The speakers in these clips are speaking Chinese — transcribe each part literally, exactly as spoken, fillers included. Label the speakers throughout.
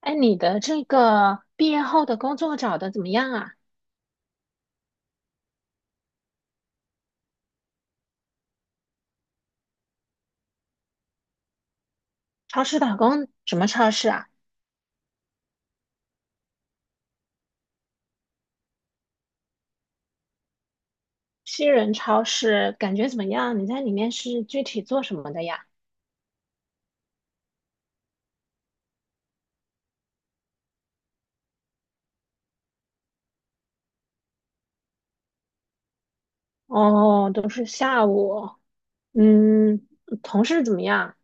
Speaker 1: 哎，你的这个毕业后的工作找的怎么样啊？超市打工什么超市啊？西人超市感觉怎么样？你在里面是具体做什么的呀？哦，都是下午。嗯，同事怎么样？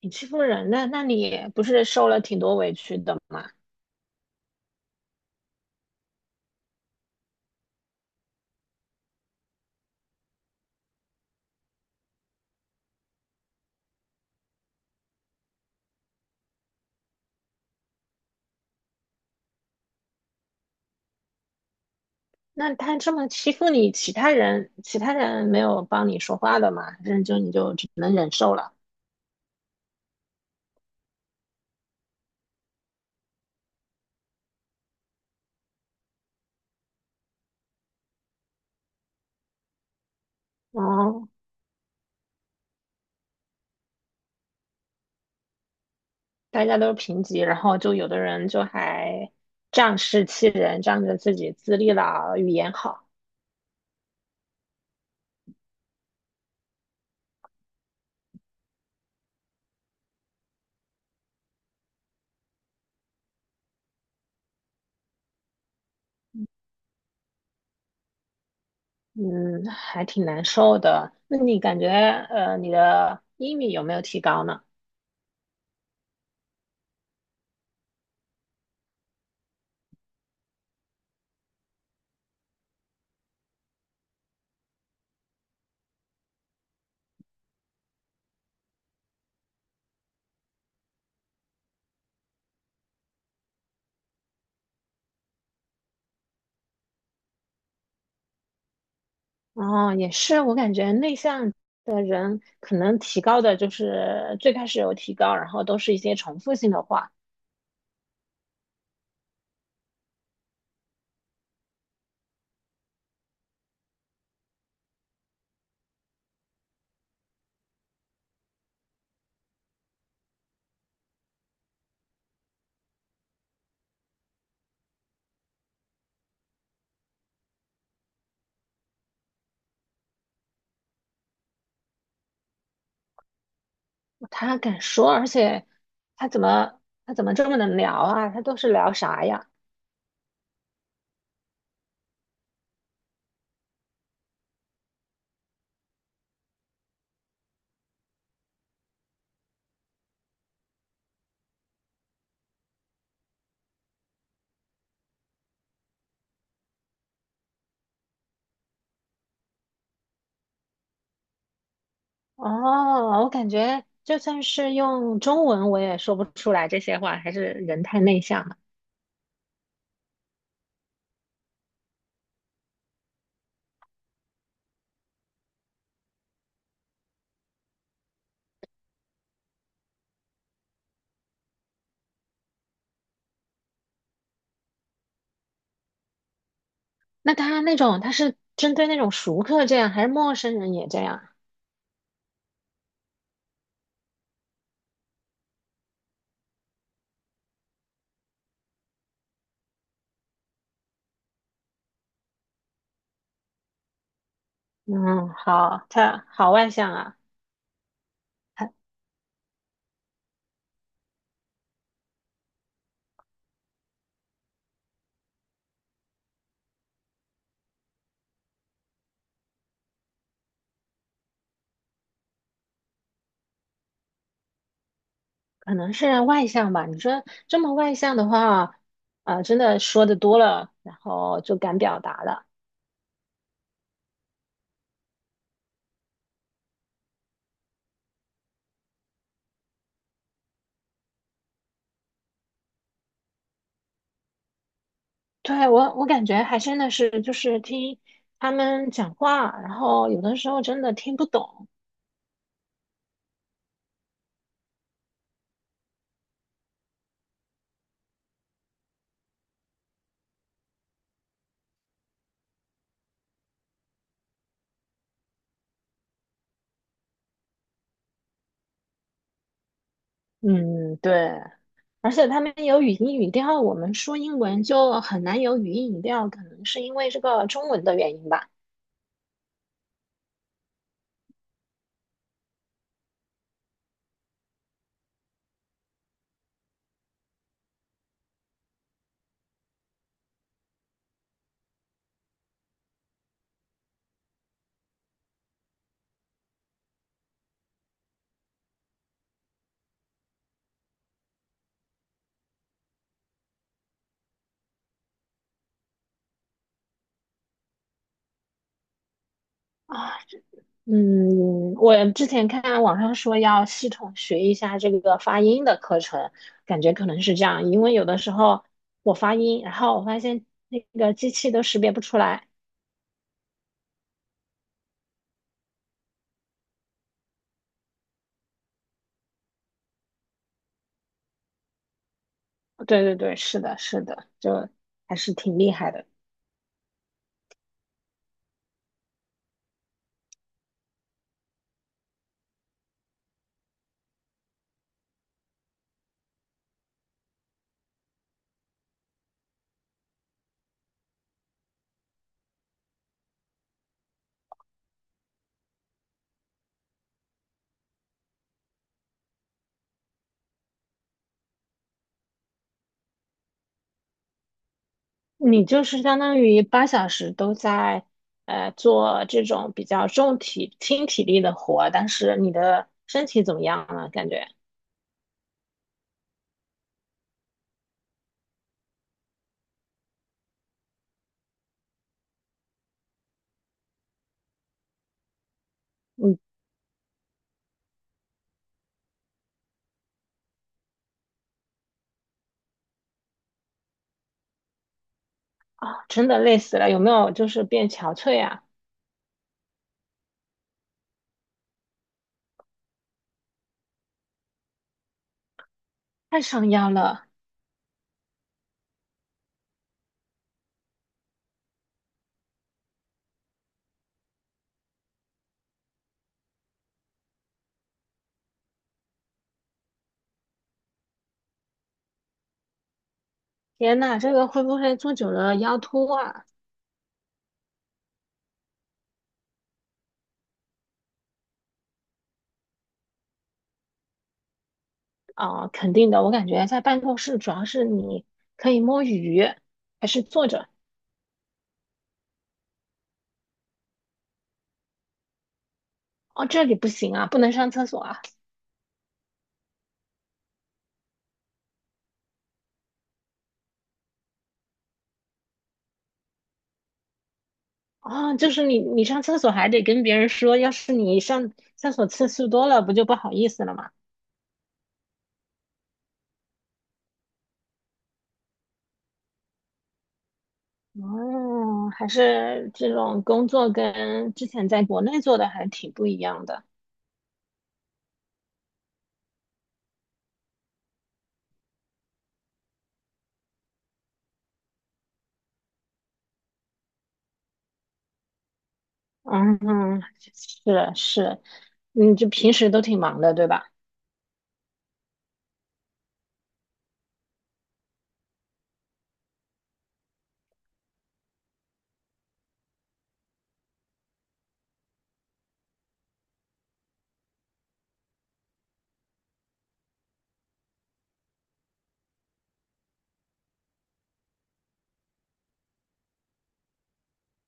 Speaker 1: 挺欺负人的，那你不是受了挺多委屈的吗？那他这么欺负你，其他人其他人没有帮你说话的吗？还是就你就只能忍受了？哦。大家都是平级，然后就有的人就还仗势欺人，仗着自己资历老、语言好。嗯，还挺难受的。那你感觉呃，你的英语有没有提高呢？哦，也是，我感觉内向的人可能提高的就是最开始有提高，然后都是一些重复性的话。他敢说，而且他怎么他怎么这么能聊啊？他都是聊啥呀？哦，我感觉就算是用中文，我也说不出来这些话，还是人太内向了。那他那种，他是针对那种熟客这样，还是陌生人也这样？嗯，好，他好外向啊。他可能是外向吧。你说这么外向的话，啊、真的说的多了，然后就敢表达了。对，我，我感觉还真的是，就是听他们讲话，然后有的时候真的听不懂。嗯，对。而且他们有语音语调，我们说英文就很难有语音语调，可能是因为这个中文的原因吧。啊，嗯，我之前看网上说要系统学一下这个发音的课程，感觉可能是这样，因为有的时候我发音，然后我发现那个机器都识别不出来。对对对，是的，是的，就还是挺厉害的。你就是相当于八小时都在呃做这种比较重体轻体力的活，但是你的身体怎么样了？感觉嗯啊，真的累死了，有没有就是变憔悴啊？太伤腰了。天呐，这个会不会坐久了腰突啊？啊，肯定的，我感觉在办公室主要是你可以摸鱼，还是坐着。哦，这里不行啊，不能上厕所啊。啊，就是你你上厕所还得跟别人说，要是你上厕所次数多了，不就不好意思了吗？哦，还是这种工作跟之前在国内做的还挺不一样的。嗯，是是，嗯，就平时都挺忙的，对吧？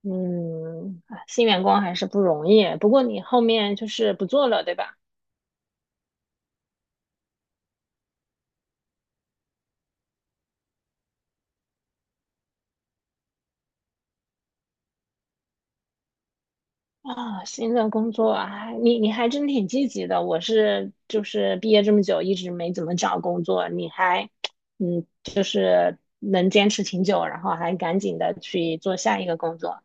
Speaker 1: 嗯，哎新员工还是不容易。不过你后面就是不做了，对吧？啊，新的工作啊，你你还真挺积极的。我是就是毕业这么久，一直没怎么找工作，你还嗯，就是能坚持挺久，然后还赶紧的去做下一个工作。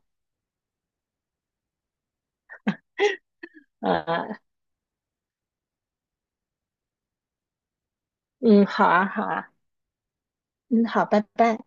Speaker 1: 呃，嗯，好啊，好啊，嗯，好，拜拜。